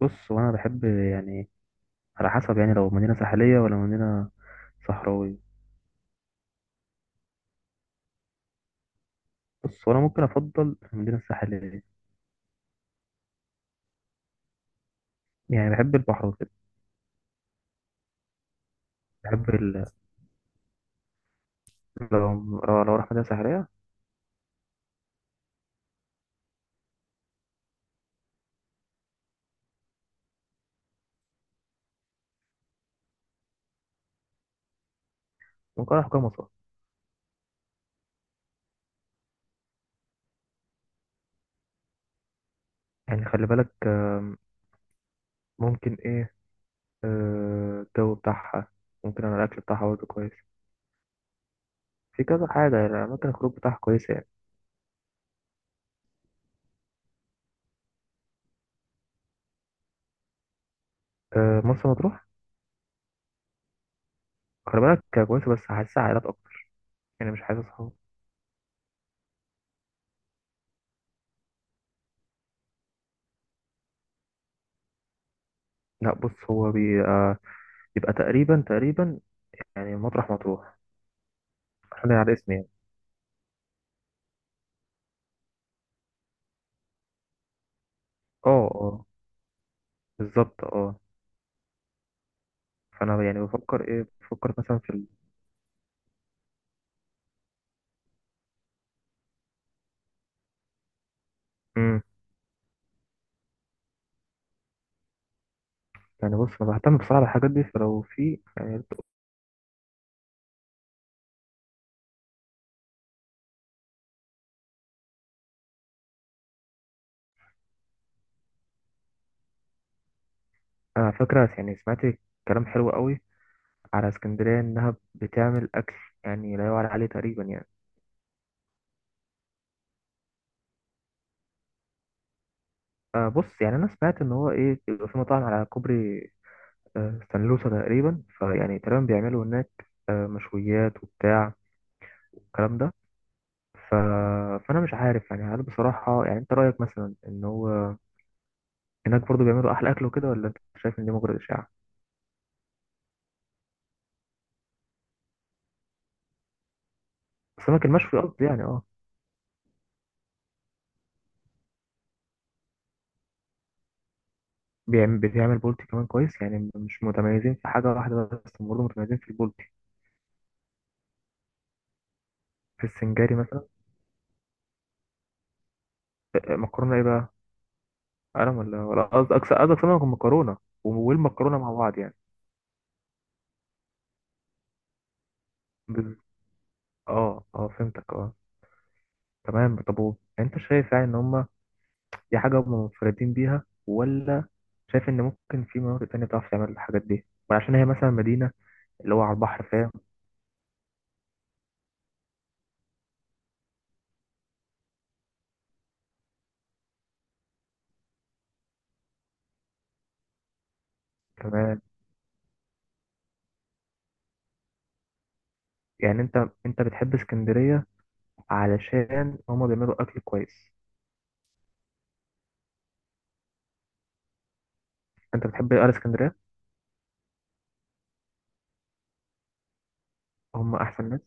بص، وانا بحب يعني، على حسب يعني، لو مدينة ساحلية ولا مدينة صحراوية. بص، وانا ممكن افضل المدينة الساحلية، يعني بحب البحر وكده. بحب ال... لو لو راح مدينة ساحلية، ممكن اروح كام مصر. يعني خلي بالك، ممكن ايه، الجو بتاعها، ممكن انا الاكل بتاعها برضه كويس. في كذا حاجة، يعني اماكن الخروج بتاعها كويسة يعني. آه، مرسى مطروح، خلي بالك. كويسة، بس حاسسها عائلات اكتر، يعني مش حاسس صحاب. لا بص، هو بيبقى تقريبا تقريبا يعني مطرح مطروح حاليا على اسمي يعني. اه اه، بالظبط اه. فانا يعني بفكر مثلا مم. يعني بص، انا بهتم بصراحه بالحاجات دي، فلو في يعني، انا فاكره يعني سمعت كلام حلو قوي على اسكندريه، انها بتعمل اكل يعني لا يعلى عليه تقريبا يعني. بص، يعني انا سمعت ان هو بيبقى في مطاعم على كوبري سانلوسا تقريبا، فيعني تقريبا بيعملوا هناك مشويات وبتاع الكلام ده. ف... فانا مش عارف يعني، هل بصراحه يعني انت رايك مثلا ان هو هناك برضو بيعملوا احلى اكل وكده، ولا انت شايف ان دي مجرد اشاعه؟ السمك المشوي قصدي يعني، اه. بيعمل بولتي كمان كويس، يعني مش متميزين في حاجه واحده بس، هم برضو متميزين في البولتي، في السنجاري مثلا. آه، مكرونه ايه بقى؟ قلم ولا قصدك سمك ومكرونه، والمكرونه مع بعض يعني؟ بز- اه اه، فهمتك اه. تمام، طب، انت شايف يعني ان هم دي حاجه هم منفردين بيها، ولا شايف ان ممكن في مناطق تانية بتعرف تعمل الحاجات دي، وعشان هي مثلا مدينه اللي هو على البحر، فاهم؟ تمام. يعني انت بتحب اسكندرية علشان هما بيعملوا اكل كويس؟ انت بتحب اهل اسكندرية؟ هما احسن ناس.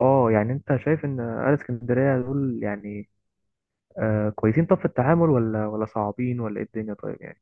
اه، يعني انت شايف ان اهل اسكندرية دول يعني، كويسين طب في التعامل، ولا صعبين، ولا ايه الدنيا طيب يعني؟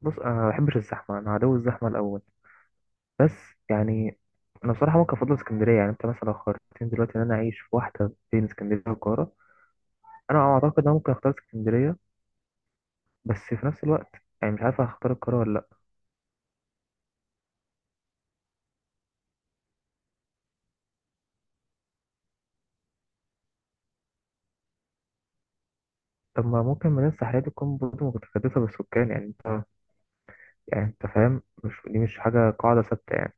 بص، انا ما بحبش الزحمة، انا عدو الزحمة الاول، بس يعني، انا بصراحة ممكن افضل اسكندرية. يعني انت مثلا لو خيرتني دلوقتي ان انا اعيش في واحدة بين اسكندرية والقاهرة، انا اعتقد ان انا ممكن اختار اسكندرية. بس في نفس الوقت يعني مش عارف هختار القاهرة ولا لأ. طب، ما ممكن مدينة ساحلية دي تكون برضه متكدسة بالسكان؟ يعني انت فاهم، مش دي مش حاجة قاعدة ثابتة يعني.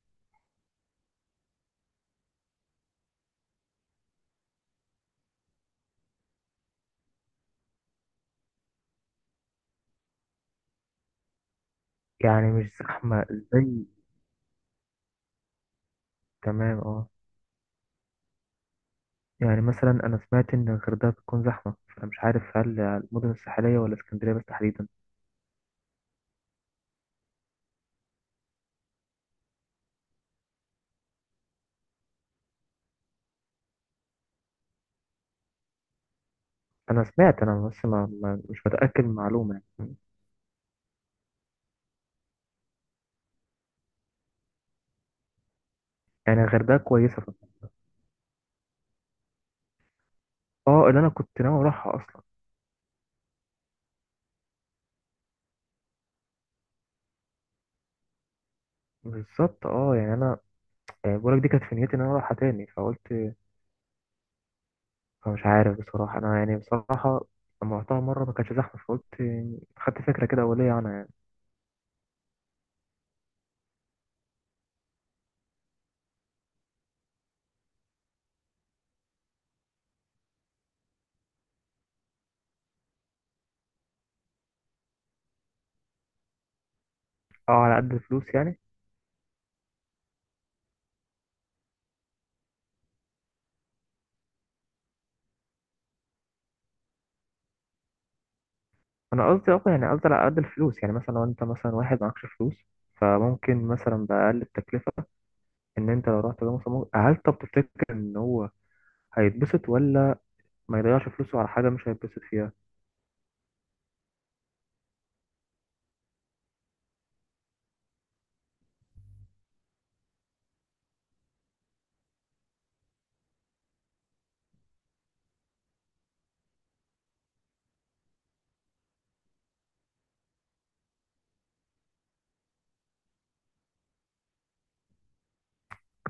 يعني مش زحمة زي تمام اه. يعني مثلا أنا سمعت إن الغردقة بتكون زحمة، فأنا مش عارف هل المدن الساحلية ولا اسكندرية بس تحديدا. أنا بس مش متأكد من المعلومة يعني. يعني الغردقة كويسة فقط. اه، اللي أنا كنت ناوي أروحها أصلا. بالظبط اه، يعني أنا، يعني بقولك دي كانت في نيتي إن أنا أروحها تاني، فقلت، فمش عارف بصراحة أنا، يعني بصراحة لما رحتها مرة ما كانش زحمة، فقلت خدت فكرة كده أولية عنها يعني. أه، على قد الفلوس يعني. أنا قصدي على قد الفلوس، يعني مثلا لو أنت مثلا واحد معكش فلوس، فممكن مثلا بأقل التكلفة، إن أنت لو رحت ده مثلا هل، طب تفتكر إن هو هيتبسط، ولا ما يضيعش فلوسه على حاجة مش هيتبسط فيها؟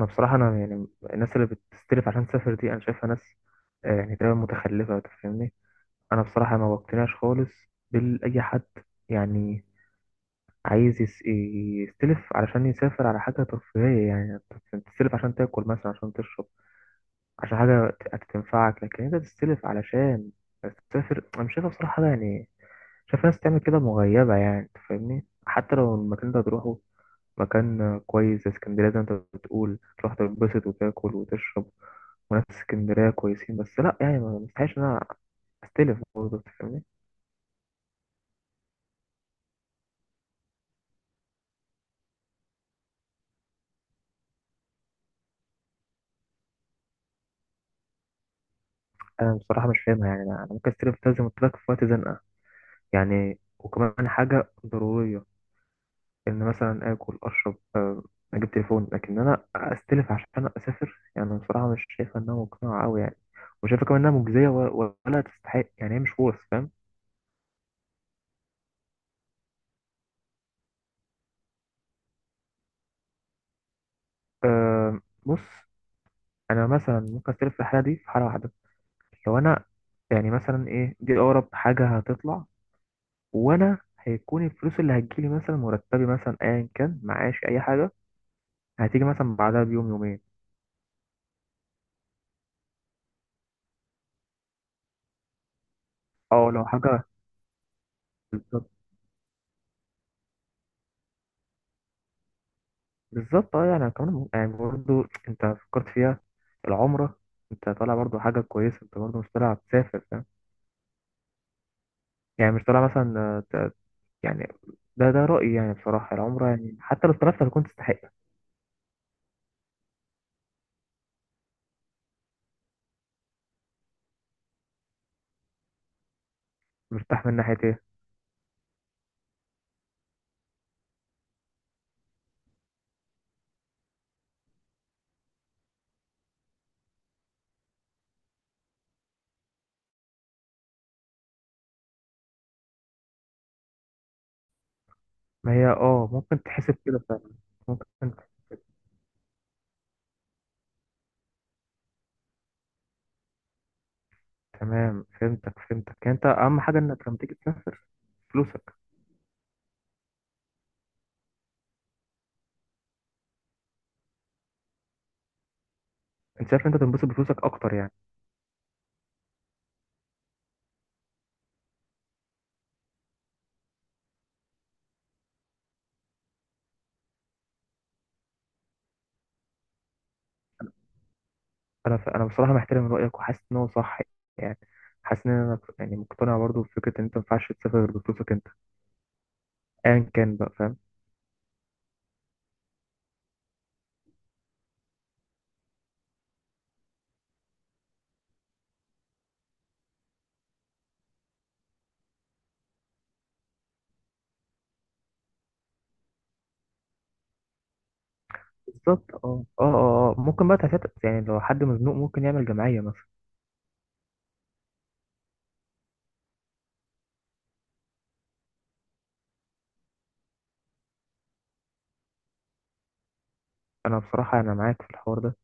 أنا بصراحة أنا يعني الناس اللي بتستلف عشان تسافر دي أنا شايفها ناس، يعني تقريبا متخلفة، أنت فاهمني. أنا بصراحة ما بقتنعش خالص بالأي حد، يعني عايز يستلف علشان يسافر على حاجة ترفيهية يعني. أنت تستلف عشان تاكل مثلا، عشان تشرب، عشان حاجة هتنفعك، لكن انت تستلف علشان تسافر، انا مش شايفها بصراحة حاجة يعني. شايف ناس تعمل كده مغيبة يعني، انت فاهمني؟ حتى لو المكان ده هتروحه مكان كويس زي اسكندرية، زي ما انت بتقول، تروح تنبسط وتاكل وتشرب، وناس اسكندرية كويسين، بس لا، يعني ما مستحيلش ان انا استلف برضه، أنت فاهمني. انا بصراحة مش فاهمها يعني، انا ممكن استلف ده زي ما قلت لك في وقت زنقة، يعني وكمان حاجة ضرورية، إن مثلا آكل أشرب، أجيب تليفون، لكن أنا أستلف عشان أسافر، يعني أنا بصراحة مش شايفة إنها مقنعة أوي يعني. وشايفة كمان إنها مجزية ولا تستحق يعني، هي مش ورث، فاهم؟ آه، بص، أنا مثلا ممكن أستلف في الحالة دي، في حالة واحدة، لو أنا يعني مثلا إيه، دي أقرب حاجة هتطلع، وأنا هيكون الفلوس اللي هتجيلي مثلا، مرتبي مثلا، أيا كان، معاش، أي حاجة هتيجي مثلا بعدها بيوم يومين. أه لو حاجة. بالظبط اه، يعني كمان، يعني برضه انت فكرت فيها العمرة، انت طالع برضه حاجة كويسة، انت برضه مش طالع تسافر، فاهم؟ يعني مش طالع مثلا، يعني ده رأيي، يعني بصراحة العمرة يعني حتى لو طلعت هتكون تستحق. مرتاح من ناحية ايه؟ ما هي اه، ممكن تحسب كده فعلا، ممكن. تمام، فهمتك فهمتك، يعني انت اهم حاجة انك لما تيجي تسافر فلوسك. انت شايف انت تنبسط بفلوسك اكتر يعني. انا انا بصراحه محترم رايك، وحاسس ان هو صح يعني، حاسس ان انا يعني مقتنع برضو بفكره ان انت ما ينفعش تسافر غير بفلوسك انت، ايا كان بقى، فاهم؟ بالظبط، اه اه اه اه، ممكن بقى تفتح، يعني لو حد مزنوق ممكن يعمل جمعيه مثلا. انا بصراحه معاك في الحوار ده،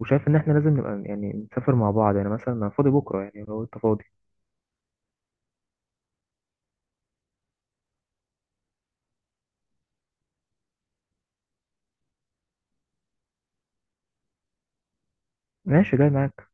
وشايف ان احنا لازم نبقى يعني نسافر مع بعض، يعني مثلا انا فاضي بكره، يعني لو انت فاضي. ماشي، جاي معاك.